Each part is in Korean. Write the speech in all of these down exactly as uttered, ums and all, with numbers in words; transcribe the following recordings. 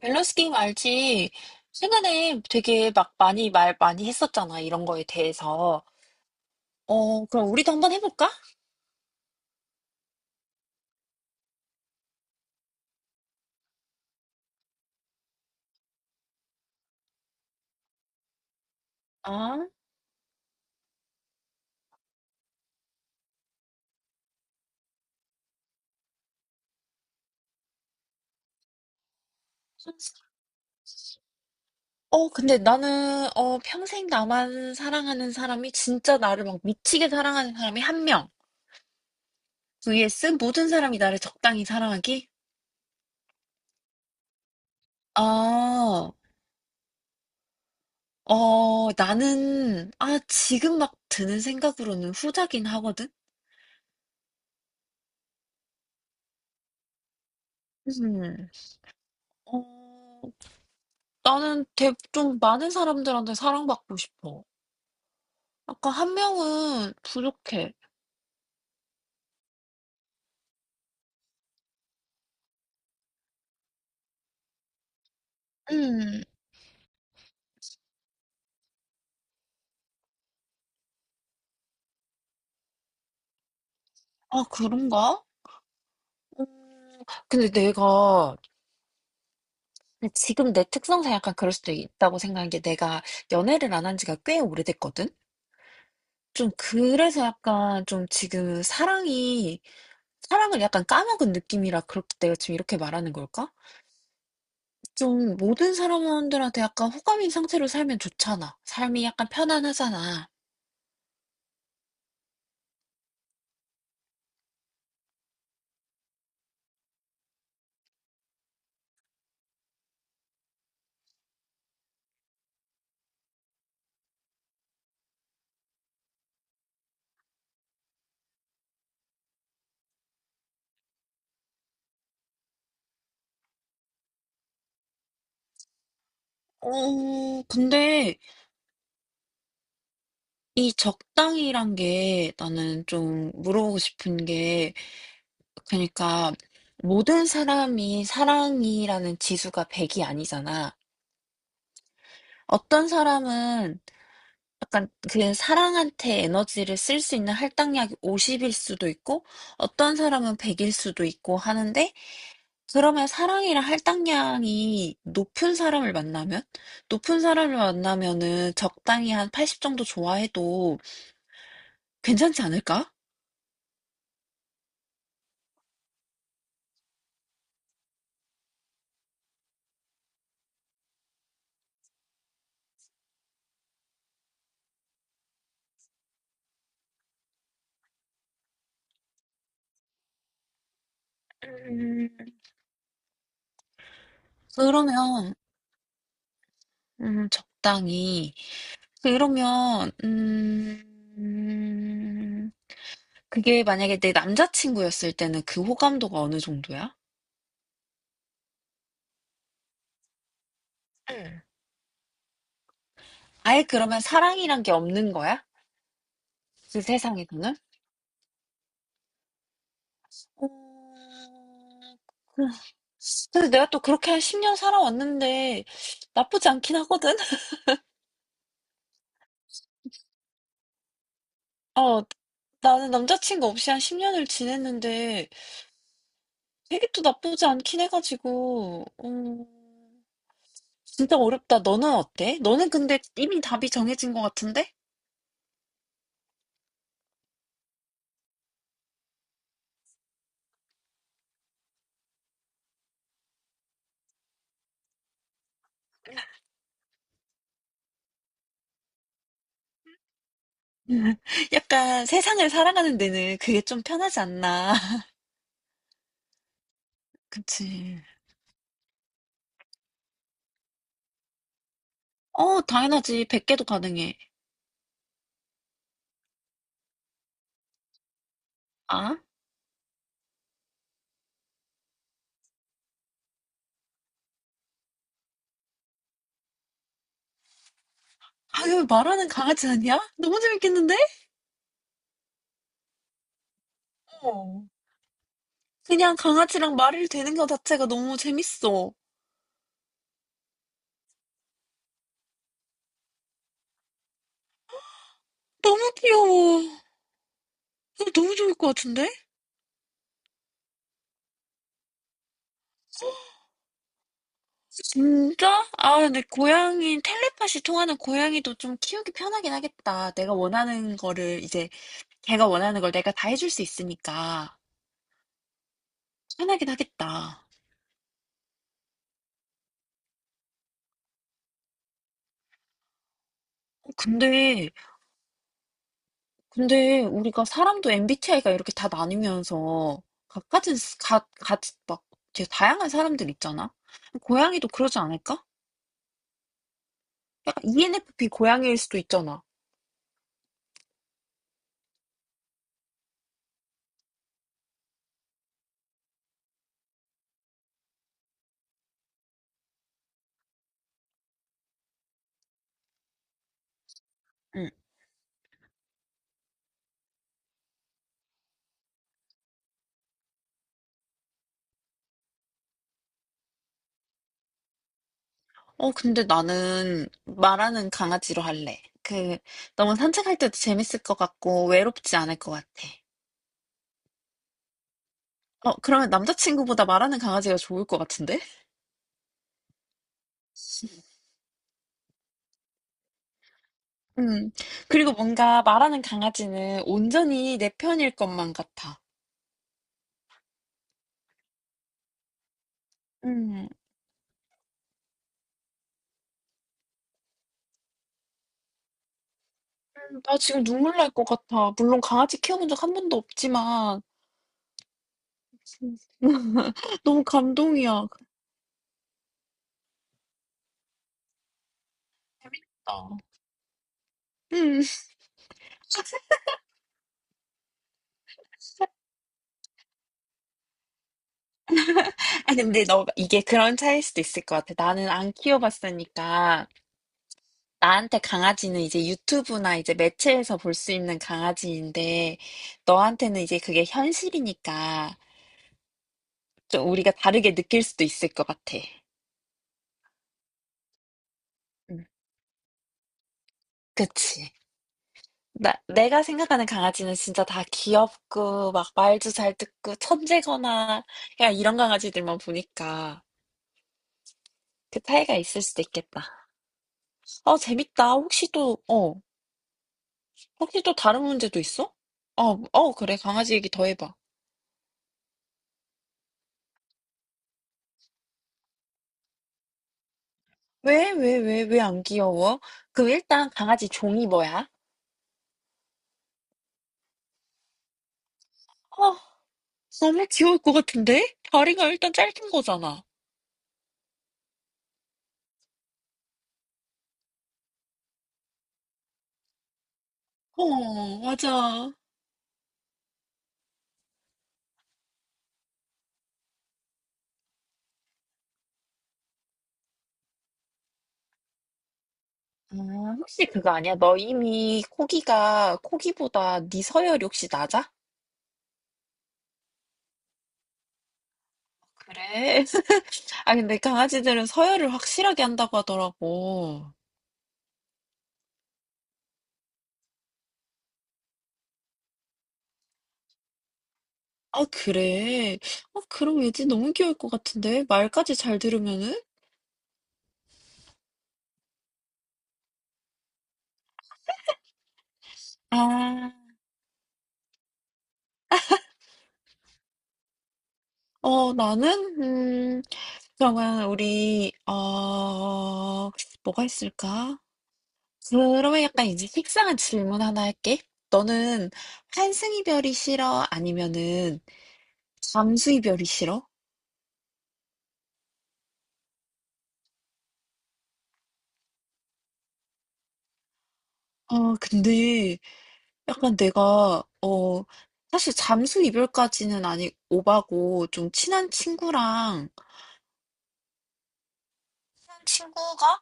밸런스 게임 알지? 최근에 되게 막 많이 말 많이 했었잖아, 이런 거에 대해서. 어, 그럼 우리도 한번 해볼까? 아, 어, 근데 나는, 어, 평생 나만 사랑하는 사람이, 진짜 나를 막 미치게 사랑하는 사람이 한 명. vs 모든 사람이 나를 적당히 사랑하기? 아 어, 나는, 아, 지금 막 드는 생각으로는 후자긴 하거든? 음, 어, 나는 대, 좀 많은 사람들한테 사랑받고 싶어. 아까 한 명은 부족해. 음. 아, 그런가? 음. 근데 내가 지금 내 특성상 약간 그럴 수도 있다고 생각한 게 내가 연애를 안 한 지가 꽤 오래됐거든? 좀 그래서 약간 좀 지금 사랑이 사랑을 약간 까먹은 느낌이라 그렇 내가 지금 이렇게 말하는 걸까? 좀 모든 사람들한테 약간 호감인 상태로 살면 좋잖아. 삶이 약간 편안하잖아. 어 근데 이 적당이란 게 나는 좀 물어보고 싶은 게 그러니까 모든 사람이 사랑이라는 지수가 백이 아니잖아. 어떤 사람은 약간 그 사랑한테 에너지를 쓸 수 있는 할당량이 오십일 수도 있고 어떤 사람은 백일 수도 있고 하는데 그러면 사랑이랑 할당량이 높은 사람을 만나면 높은 사람을 만나면은 적당히 한 팔십 정도 좋아해도 괜찮지 않을까? 음, 그러면 음, 적당히. 그러면 음, 그게 만약에 내 남자친구였을 때는 그 호감도가 어느 정도야? 응. 아예 그러면 사랑이란 게 없는 거야? 그 세상에서는? 어, 그- 근데 내가 또 그렇게 한 십 년 살아왔는데 나쁘지 않긴 하거든? 어, 나는 남자친구 없이 한 십 년을 지냈는데 되게 또 나쁘지 않긴 해가지고, 음, 진짜 어렵다. 너는 어때? 너는 근데 이미 답이 정해진 것 같은데? 약간 세상을 살아가는 데는 그게 좀 편하지 않나. 그치. 어, 당연하지. 백 개도 가능해. 아? 아왜 말하는 강아지 아니야? 너무 재밌겠는데? 어. 그냥 강아지랑 말을 되는 것 자체가 너무 재밌어. 너무 귀여워. 이거 너무 좋을 것 같은데? 진짜? 아, 근데 고양이, 텔레파시 통하는 고양이도 좀 키우기 편하긴 하겠다. 내가 원하는 거를 이제 걔가 원하는 걸 내가 다 해줄 수 있으니까 편하긴 하겠다. 어, 근데, 근데 우리가 사람도 엠비티아이가 이렇게 다 나뉘면서 각가은 각, 각, 막 되게 다양한 사람들 있잖아? 고양이도 그러지 않을까? 약간 이엔에프피 고양이일 수도 있잖아. 응. 어, 근데 나는 말하는 강아지로 할래. 그, 너무 산책할 때도 재밌을 것 같고 외롭지 않을 것 같아. 어, 그러면 남자친구보다 말하는 강아지가 좋을 것 같은데? 음. 그리고 뭔가 말하는 강아지는 온전히 내 편일 것만 같아. 음. 음. 나 지금 눈물 날 것 같아. 물론 강아지 키워본 적 한 번도 없지만 음. 너무 감동이야. 재밌다. 음. 아 근데 너 이게 그런 차이일 수도 있을 것 같아. 나는 안 키워봤으니까 나한테 강아지는 이제 유튜브나 이제 매체에서 볼 수 있는 강아지인데 너한테는 이제 그게 현실이니까 좀 우리가 다르게 느낄 수도 있을 것 같아. 음. 그치. 나, 내가 생각하는 강아지는 진짜 다 귀엽고, 막 말도 잘 듣고, 천재거나, 그냥 이런 강아지들만 보니까 그 차이가 있을 수도 있겠다. 어, 재밌다. 혹시 또, 어, 혹시 또 다른 문제도 있어? 어, 어, 그래. 강아지 얘기 더 해봐. 왜, 왜, 왜, 왜 안 귀여워? 그럼 일단 강아지 종이 뭐야? 어, 너무 귀여울 것 같은데? 다리가 일단 짧은 거잖아. 어, 맞아. 아, 혹시 그거 아니야? 너 이미 코기가 코기보다 네 서열이 혹시 낮아? 그래? 아 근데 강아지들은 서열을 확실하게 한다고 하더라고. 아 그래? 아 그럼 왠지 너무 귀여울 것 같은데 말까지 잘 들으면은? 아, 어 나는 음 그러면 우리 어 뭐가 있을까? 그러면 약간 이제 식상한 질문 하나 할게. 너는 환승이별이 싫어? 아니면은 잠수이별이 싫어? 아 근데 약간 내가 어 사실 잠수 이별까지는 아니 오바고 좀 친한 친구랑 친한 친구가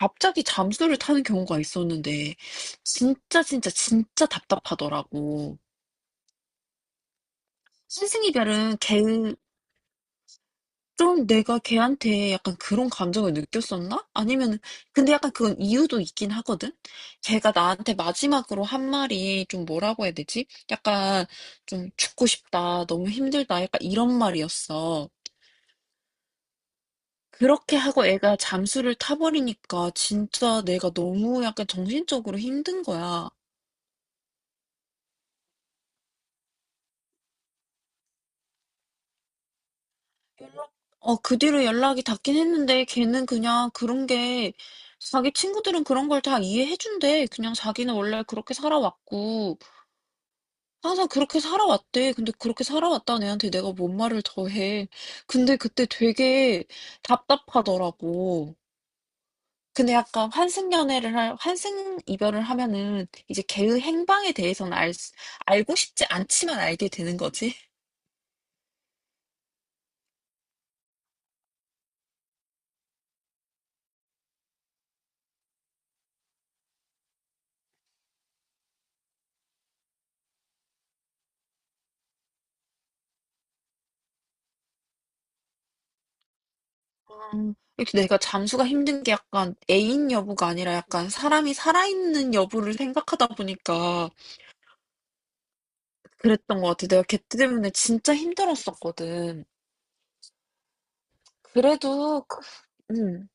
갑자기 잠수를 타는 경우가 있었는데 진짜 진짜 진짜 답답하더라고. 스승 이별은 개응 좀 내가 걔한테 약간 그런 감정을 느꼈었나? 아니면은 근데 약간 그건 이유도 있긴 하거든. 걔가 나한테 마지막으로 한 말이 좀 뭐라고 해야 되지? 약간 좀 죽고 싶다, 너무 힘들다, 약간 이런 말이었어. 그렇게 하고 애가 잠수를 타버리니까 진짜 내가 너무 약간 정신적으로 힘든 거야. 연락, 어, 그 뒤로 연락이 닿긴 했는데 걔는 그냥 그런 게 자기 친구들은 그런 걸 다 이해해준대. 그냥 자기는 원래 그렇게 살아왔고. 항상 그렇게 살아왔대. 근데 그렇게 살아왔다는 애한테 내가 뭔 말을 더 해. 근데 그때 되게 답답하더라고. 근데 약간 환승 연애를 할, 환승 이별을 하면은 이제 걔의 행방에 대해서는 알, 수- 알고 싶지 않지만 알게 되는 거지. 음, 이렇게 내가 잠수가 힘든 게 약간 애인 여부가 아니라 약간 사람이 살아있는 여부를 생각하다 보니까 그랬던 것 같아. 내가 걔 때문에 진짜 힘들었었거든. 그래도, 그- 음.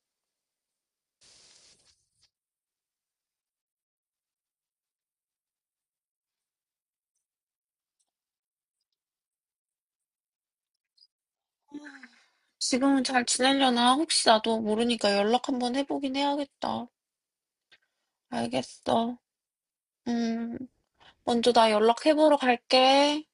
지금은 잘 지내려나? 혹시 나도 모르니까 연락 한번 해보긴 해야겠다. 알겠어. 음, 먼저 나 연락해보러 갈게.